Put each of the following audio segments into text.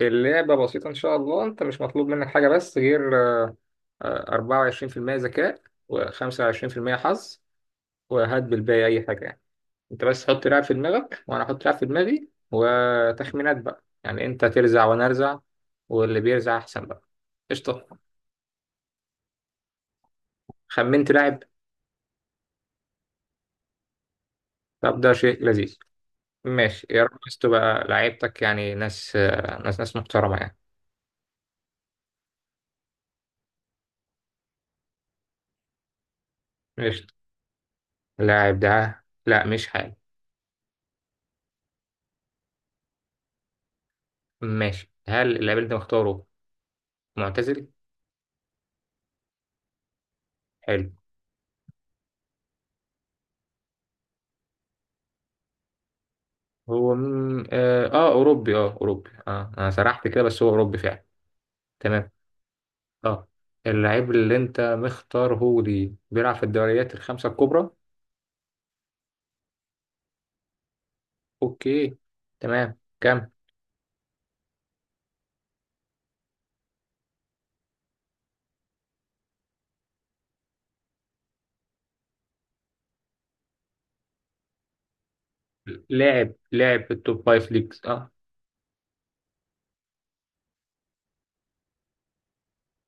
اللعبة بسيطة، إن شاء الله. أنت مش مطلوب منك حاجة بس غير 24% ذكاء و25% حظ، وهات بالباقي أي حاجة يعني. أنت بس حط لعب في دماغك وأنا أحط لعب في دماغي وتخمينات، بقى يعني أنت ترزع وأنا أرزع، واللي بيرزع أحسن بقى. قشطة. خمنت لاعب. طب ده شيء لذيذ. ماشي يا رب بس تبقى لعيبتك يعني ناس، ناس محترمة يعني. قشطة. اللاعب ده لا، مش حالي. ماشي، هل اللاعب اللي أنت مختاره معتزل؟ حلو. هو م... اه آه، اوروبي. انا سرحت كده بس هو اوروبي فعلا. تمام. اه، اللعيب اللي انت مختار هو دي بيلعب في الدوريات الخمسة الكبرى. اوكي. تمام. كم لاعب في التوب فايف ليجز؟ اه.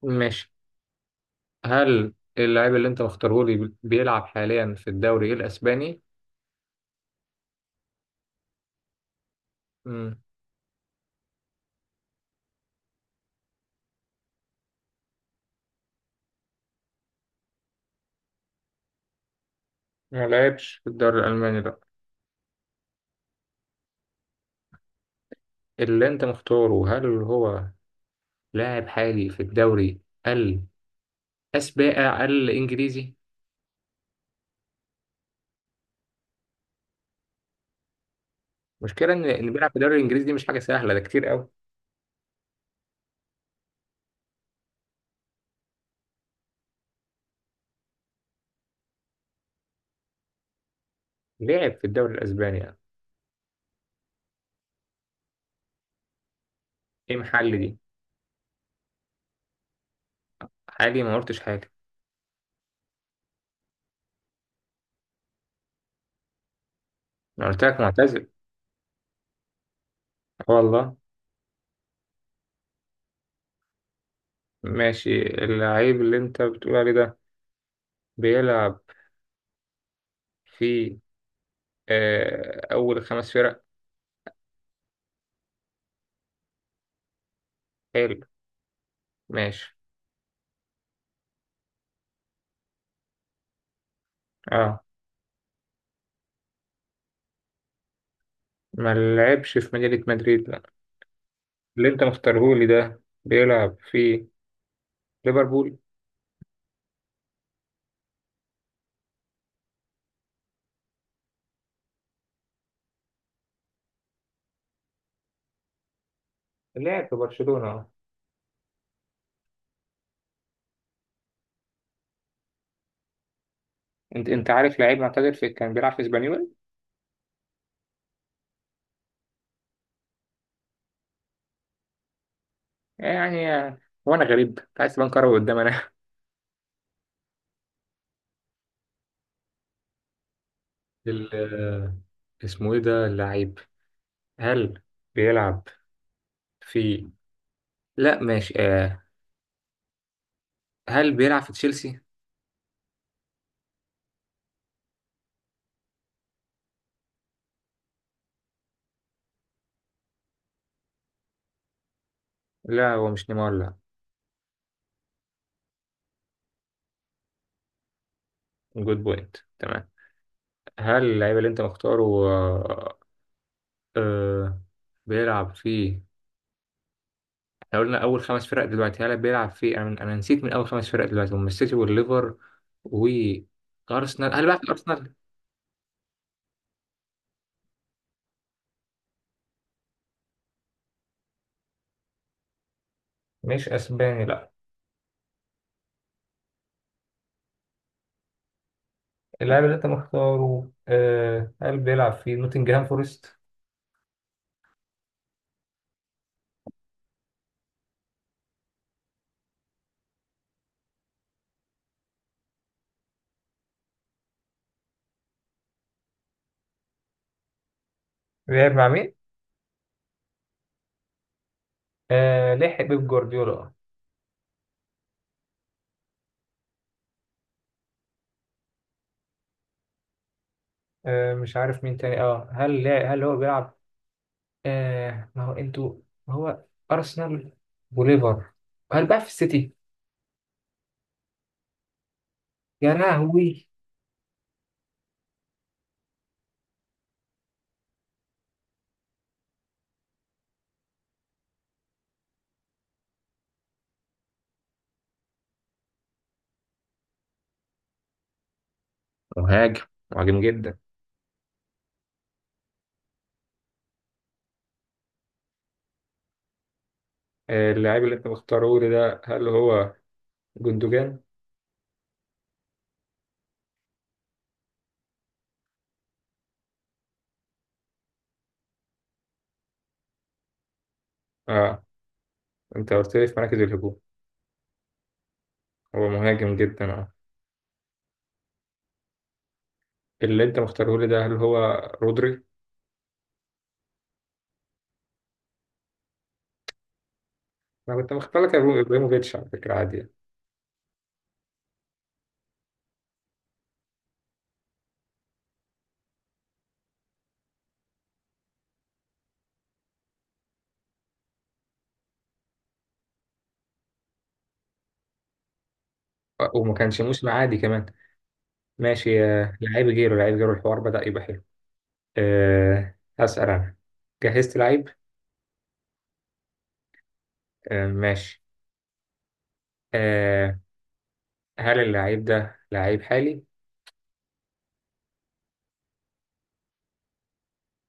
ماشي، هل اللعيب اللي انت مختاره لي بيلعب حاليا في الدوري الاسباني؟ مم. ما لعبش في الدوري الالماني لا. اللي انت مختاره هل هو لاعب حالي في الدوري الاسباني الانجليزي؟ المشكله ان بيلعب في الدوري الانجليزي دي مش حاجه سهله، ده كتير قوي. لعب في الدوري الاسباني يعني. ايه محل دي؟ حالي ما قلتش حاجه. انا قلت لك معتزل. آه والله. ماشي، اللعيب اللي انت بتقول عليه ده بيلعب في اول خمس فرق. حلو. ماشي. اه، ما لعبش في مدينه مدريد لا. اللي انت مختارهولي ده بيلعب في ليفربول؟ لعب في برشلونه آه. انت عارف لعيب معتزل في كان بيلعب في اسبانيول. يعني وانا غريب أنت عايز تبان كروي قدام. ال- اسمه ايه ده اللعيب؟ هل بيلعب في، لا ماشي، هل بيلعب في تشيلسي؟ لا، هو مش نيمار لا. جود بوينت. تمام. هل اللعيب اللي انت مختاره آه، بيلعب في، احنا قلنا اول خمس فرق دلوقتي، هل بيلعب في، انا نسيت، من اول خمس فرق دلوقتي هم السيتي والليفر وارسنال، هل بيلعب في ارسنال؟ مش اسباني لا. اللاعب اللي انت مختاره هل بيلعب في نوتنجهام فورست؟ لعب مع مين؟ آه لحق بيب جوارديولا. مش عارف مين تاني اه. هل هل هو بيلعب، ما هو انتوا، ما هو ارسنال وليفر، هل بقى في السيتي؟ يا لهوي. مهاجم. مهاجم جدا. اللاعب اللي انت مختاره لي ده هل هو جندوجان؟ اه، انت قلت لي في مراكز الهجوم. هو مهاجم جدا اه. اللي انت مختاره لي ده هل هو رودري؟ انا كنت مختار لك ابراهيموفيتش على فكره عادي. وما كانش موسم عادي كمان. ماشي، لعيب غيره لعيب غيره، الحوار بدأ يبقى حلو. أه هسأل أنا. جهزت لعيب. أه ماشي أه. هل اللعيب ده لعيب حالي؟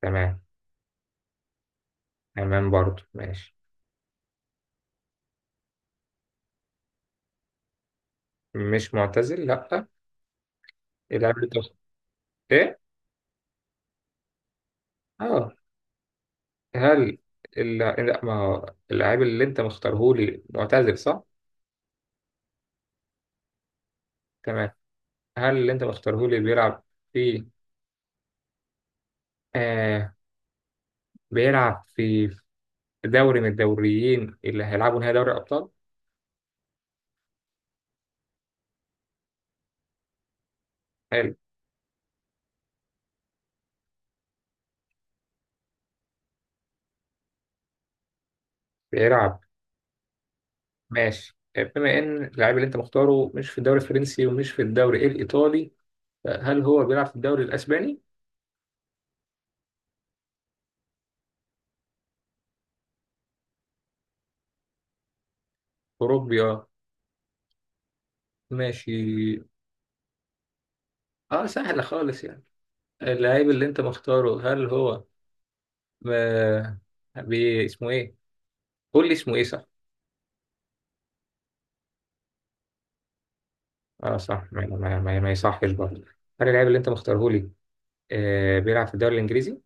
تمام. تمام برضه ماشي. مش معتزل لأ. إيه اللعيب اللي أنت إيه أه هل لأ، ما هو اللعيب اللي أنت مختارهولي معتزل صح؟ تمام. هل اللي أنت مختارهولي بيلعب في، أه بيلعب في دوري من الدوريين اللي هيلعبوا نهائي دوري الأبطال؟ حلو. بيلعب. ماشي. آه، بما ان اللاعب اللي انت مختاره مش في الدوري الفرنسي ومش في الدوري الايطالي، هل هو بيلعب في الدوري الاسباني؟ اوروبي اه. ماشي. اه سهله خالص يعني. اللاعب اللي انت مختاره هل هو ما بي... اسمه ايه؟ قول لي اسمه ايه صح. اه صح، ما يصحش برضه. هل اللاعب اللي انت مختاره لي بيلعب في الدوري الانجليزي؟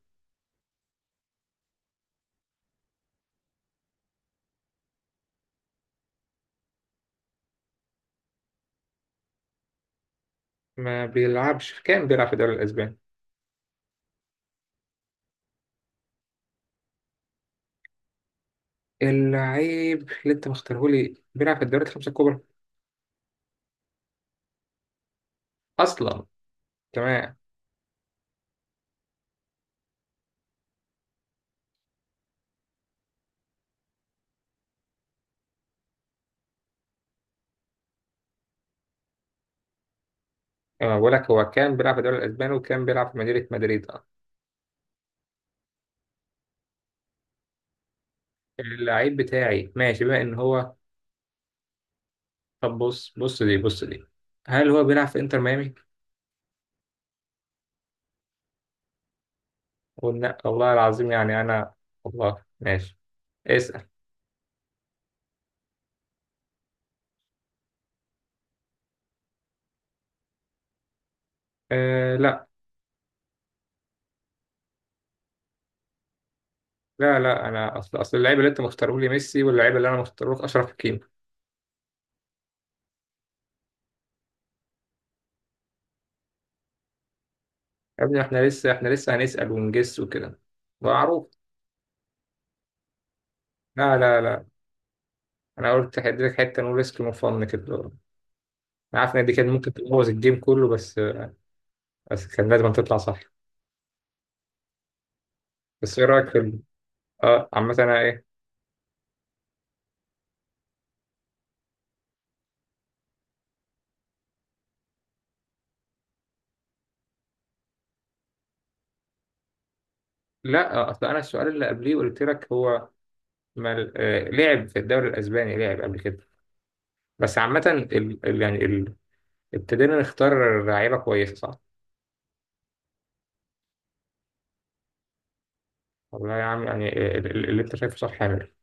ما بيلعبش. كان بيلعب في الدوري الاسباني. اللاعب اللي انت مختاره لي بيلعب في الدوريات الخمسه الكبرى اصلا؟ تمام. اه، بقول لك هو كان بيلعب في الدوري الاسباني وكان بيلعب في مدينه مدريد اه. اللعيب بتاعي، ماشي، بما ان هو، طب بص دي، هل هو بيلعب في انتر ميامي؟ قلنا والله العظيم يعني انا. والله ماشي. اسال. آه لا، لا، لا انا اصل اللعيبه اللي انت مختاره لي ميسي واللعيبه اللي انا مختاره لك اشرف حكيمي. يا ابني، احنا لسه هنسال ونجس وكده. معروف. لا، لا، لا، انا قلت هديلك حته نقول ريسك وفن كده. انا عارف ان دي كانت ممكن تبوظ الجيم كله بس كان لازم تطلع صح. بس ايه رايك في اه عامة انا ايه. لا اصل انا السؤال اللي قبليه قلت لك هو ما لعب في الدوري الاسباني، لعب قبل كده. بس عامة ال... يعني ال... ابتدينا نختار لعيبة كويسة صح؟ والله يا عم يعني اللي انت شايفه صح حامل